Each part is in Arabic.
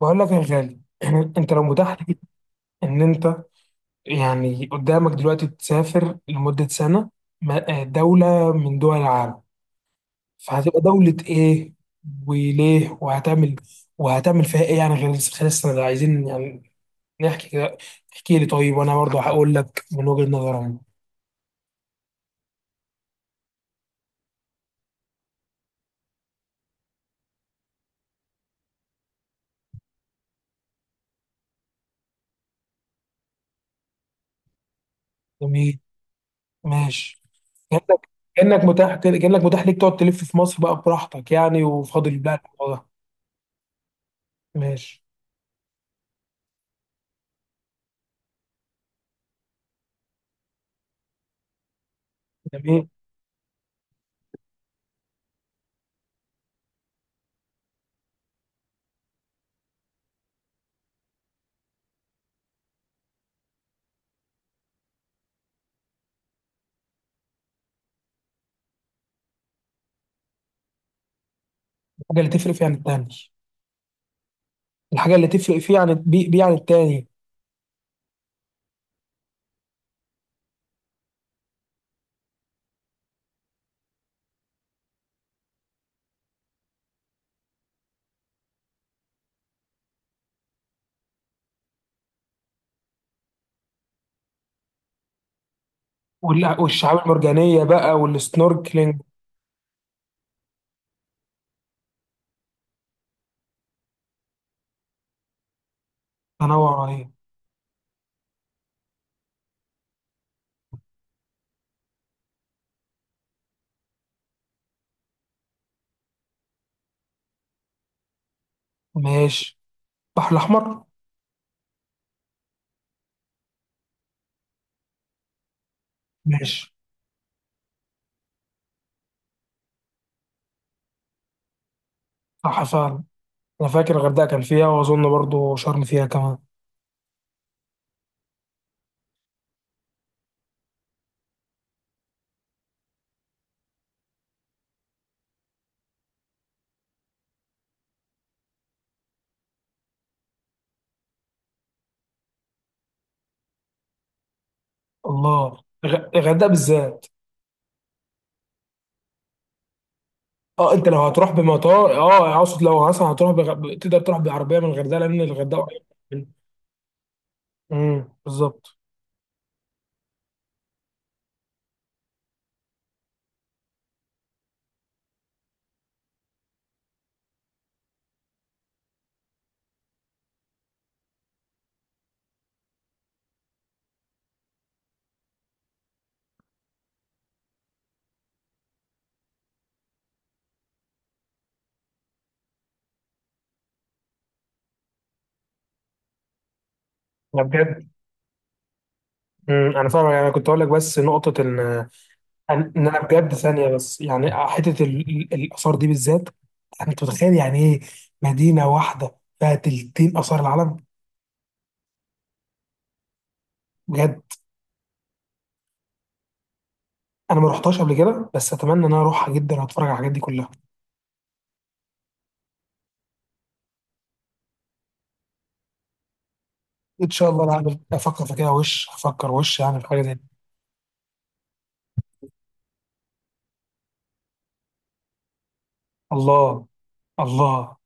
بقول لك يا غالي انت لو متاح ليك ان انت يعني قدامك دلوقتي تسافر لمدة سنة، دولة من دول العالم، فهتبقى دولة ايه وليه؟ وهتعمل فيها ايه يعني غير خلال السنة دي؟ عايزين يعني نحكي كده. احكي لي طيب، وانا برضه هقول لك من وجهة نظري أنا. جميل. ماشي. كأنك كأنك متاح ليك تقعد تلف في مصر بقى براحتك يعني، وفاضل بقى الموضوع ده. ماشي. جميل. الحاجة اللي تفرق فيها عن التاني؟ الحاجة اللي تفرق فيه عن بيه عن التاني؟ والشعاب المرجانية بقى والسنوركلينج. تنوع رهيب. ماشي. البحر الأحمر. ماشي. صح فعلا. أنا فاكر الغردقة كان فيها، وأظن برضو شرم فيها كمان. الله. الغردقة بالذات. اه، انت لو هتروح بمطار، اقصد لو مثلا هتروح تقدر تروح بعربيه من الغردقه، لان الغردقه قريبة. بالظبط. لا بجد. انا فاهم، يعني انا كنت اقول لك بس نقطه ان انا. أنا بجد ثانيه بس، يعني حته الاثار دي بالذات. يعني انت متخيل يعني ايه مدينه واحده فيها تلتين اثار العالم؟ بجد. انا ما رحتهاش قبل كده، بس اتمنى ان انا اروحها جدا واتفرج على الحاجات دي كلها. ان شاء الله، انا افكر في كده وش افكر، وش يعني في حاجه زي دي. الله. الله.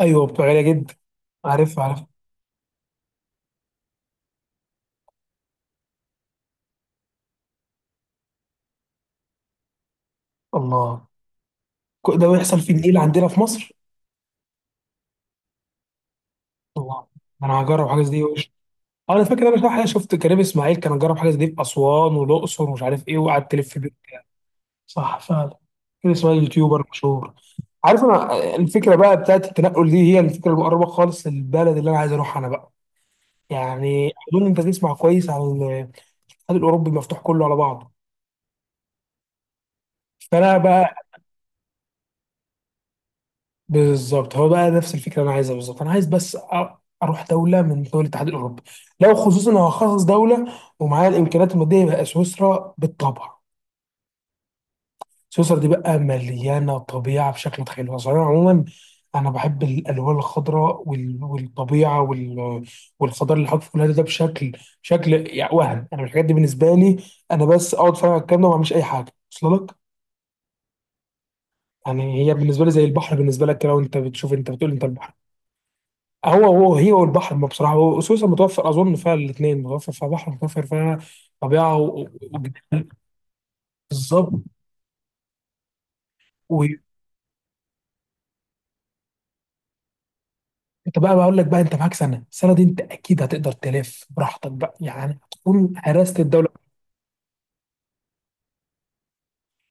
ايوه، بتبقى غاليه جدا. عارف عارف. الله، كل ده بيحصل في النيل عندنا في مصر. الله. انا هجرب حاجه زي دي وش. أه، انا فاكر، انا شفت كريم اسماعيل كان جرب حاجه زي دي في اسوان والاقصر ومش عارف ايه، وقعد تلف. صح فعلا. كده اسمها يوتيوبر مشهور. عارف، انا الفكره بقى بتاعت التنقل دي هي الفكره المقربه خالص للبلد اللي انا عايز اروحها انا بقى. يعني اظن انت تسمع كويس عن الاتحاد الاوروبي مفتوح كله على بعضه، فانا بقى. بالظبط، هو بقى نفس الفكره اللي انا عايزها بالظبط، انا عايز بس اروح دوله من دول الاتحاد الاوروبي. لو خصوصا لو هخصص دوله، ومعايا الامكانيات الماديه، يبقى سويسرا بالطبع. سويسرا دي بقى مليانة طبيعة بشكل متخيل صراحة عموما. أنا بحب الألوان الخضراء والطبيعة والخضار اللي حاطط في كل ده بشكل، شكل يعني وهم. أنا الحاجات دي بالنسبة لي، أنا بس أقعد أتفرج على الكلام ده وما أعملش أي حاجة. وصل لك؟ يعني هي بالنسبة لي زي البحر بالنسبة لك كده، وأنت بتشوف، أنت بتقول أنت البحر. هو هي، والبحر ما بصراحة، هو سويسرا متوفر أظن فيها الاثنين، متوفر فيها بحر، متوفر فيها طبيعة بالظبط. انت بقى بقول لك بقى، انت معاك سنه، السنه دي انت اكيد هتقدر تلف براحتك بقى يعني، هتكون هرست الدوله.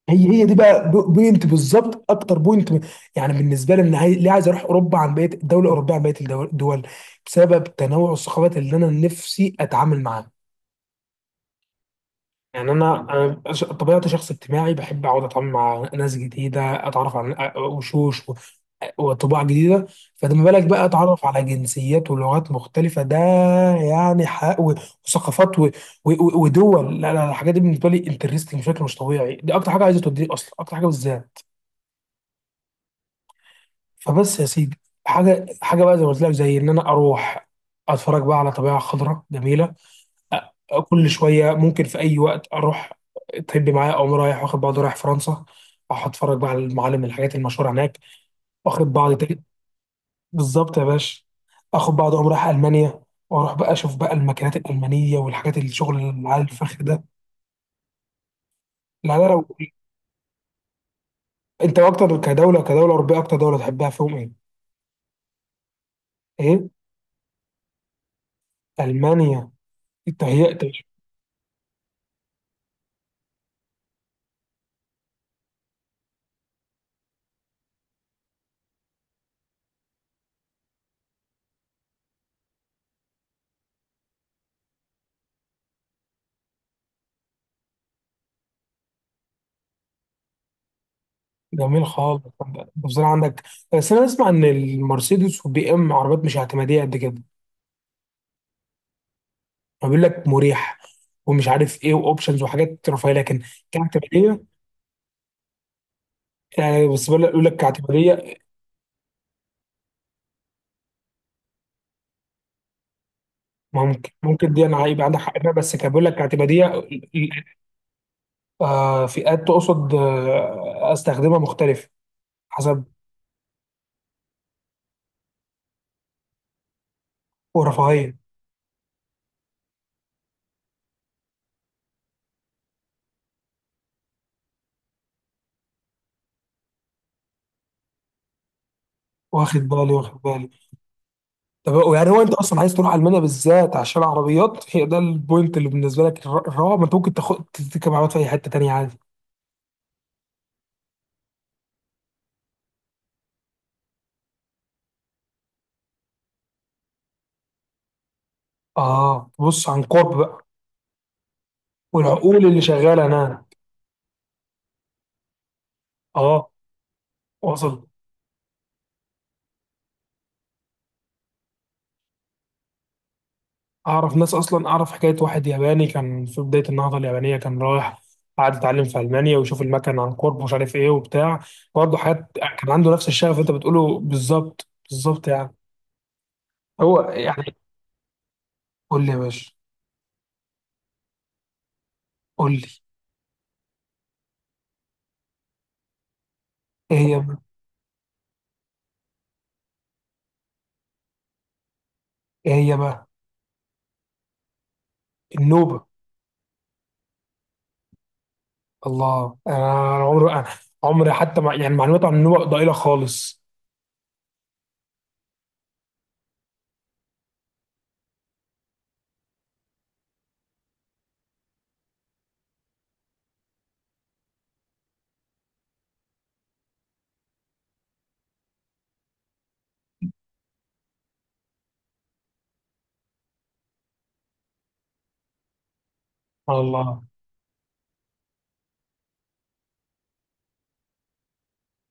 هي دي بقى بوينت بالظبط، اكتر بوينت يعني بالنسبه لي، ليه عايز اروح اوروبا عن بقيه الدول بسبب تنوع الثقافات اللي انا نفسي اتعامل معاها. يعني انا طبيعتي شخص اجتماعي، بحب اقعد اتعامل مع ناس جديده، اتعرف على وشوش وطباع جديده. فلما بالك بقى اتعرف على جنسيات ولغات مختلفه؟ ده يعني حق وثقافات ودول. لا لا لا، الحاجات دي بالنسبه لي انترستنج بشكل مش طبيعي، دي اكتر حاجه عايزه توديني اصلا، اكتر حاجه بالذات. فبس يا سيدي، حاجه حاجه بقى زي ما قلت لك، زي ان انا اروح اتفرج بقى على طبيعه خضراء جميله. كل شويه ممكن في اي وقت اروح، طب معايا اقوم رايح واخد بعض، رايح فرنسا اروح اتفرج بقى على المعالم، الحاجات المشهوره هناك. واخد بعض تاني. بالظبط يا باشا. اخد بعض اقوم رايح المانيا، واروح بقى اشوف بقى الماكينات الالمانيه والحاجات، الشغل العالي الفخر ده. لا لا، لو انت اكتر كدوله اوروبيه، اكتر دوله تحبها فيهم ايه؟ ايه؟ المانيا. انت هيئت. جميل خالص. بصراحه عندك، بس انا اسمع ان المرسيدس والبي ام عربيات مش اعتماديه قد كده، وبيقول لك مريح، ومش عارف ايه، واوبشنز وحاجات رفاهيه، لكن كاعتماديه. يعني بس بقول لك، يقول لك كاعتماديه. ممكن دي انا هيبقى عندك حق فيها، بس كان بيقول لك كاعتماديه آه، فئات تقصد؟ آه، استخدمها مختلف حسب. ورفاهيه. واخد بالي واخد بالي. طب يعني هو انت اصلا عايز تروح المانيا بالذات عشان العربيات، هي ده البوينت اللي بالنسبه لك الرابع، ما انت ممكن تاخد تركب عربيات في اي حته تانيه عادي. اه، بص عن قرب بقى والعقول اللي شغاله هناك. اه. وصل. اعرف ناس، اصلا اعرف حكايه واحد ياباني كان في بدايه النهضه اليابانيه كان رايح قعد يتعلم في المانيا ويشوف المكن عن قرب، ومش عارف ايه وبتاع، برضه حاجات. كان عنده نفس الشغف اللي انت بتقوله بالظبط بالظبط، يعني هو يعني. قول لي يا باشا. قول لي. ايه هي بقى؟ ايه هي بقى؟ النوبه. الله. أنا عمري حتى، مع يعني، معلومات عن النوبه ضئيله خالص. سبحان الله.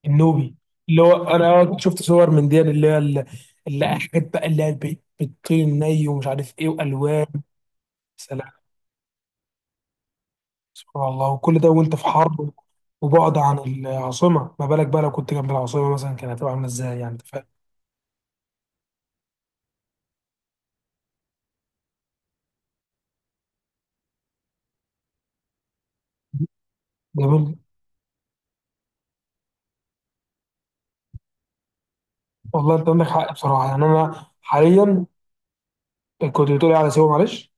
النوبي. اللي هو انا شفت صور من دي، اللي هي اللي حاجات بقى، اللي هي بتطير ني، ومش عارف ايه، والوان. سلام. سبحان الله، وكل ده وانت في حرب وبعد عن العاصمه. ما بالك بقى لو كنت جنب العاصمه مثلا، كانت هتبقى عامله ازاي، يعني انت فاهم. جميل. والله انت عندك حق بصراحه، يعني انا حاليا. كنت بتقولي على سيوه معلش.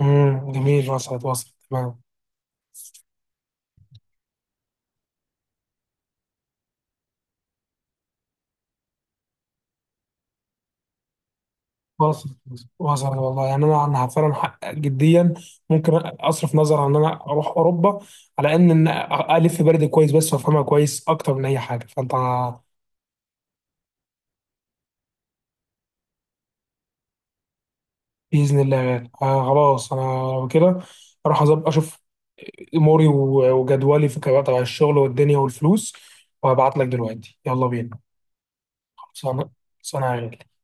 جميل، وصلت وصلت تمام. وصلت وصلت، والله يعني انا فعلا جديا، ممكن اصرف نظر عن ان انا اروح اوروبا، على ان الف بلدي كويس بس، وافهمها كويس اكتر من اي حاجه فانت. باذن الله. آه، خلاص انا كده اروح اشوف اموري وجدولي في كبقى تبع الشغل والدنيا والفلوس. وهبعت لك دلوقتي. يلا بينا. خلصانه خلصانه يا غالي.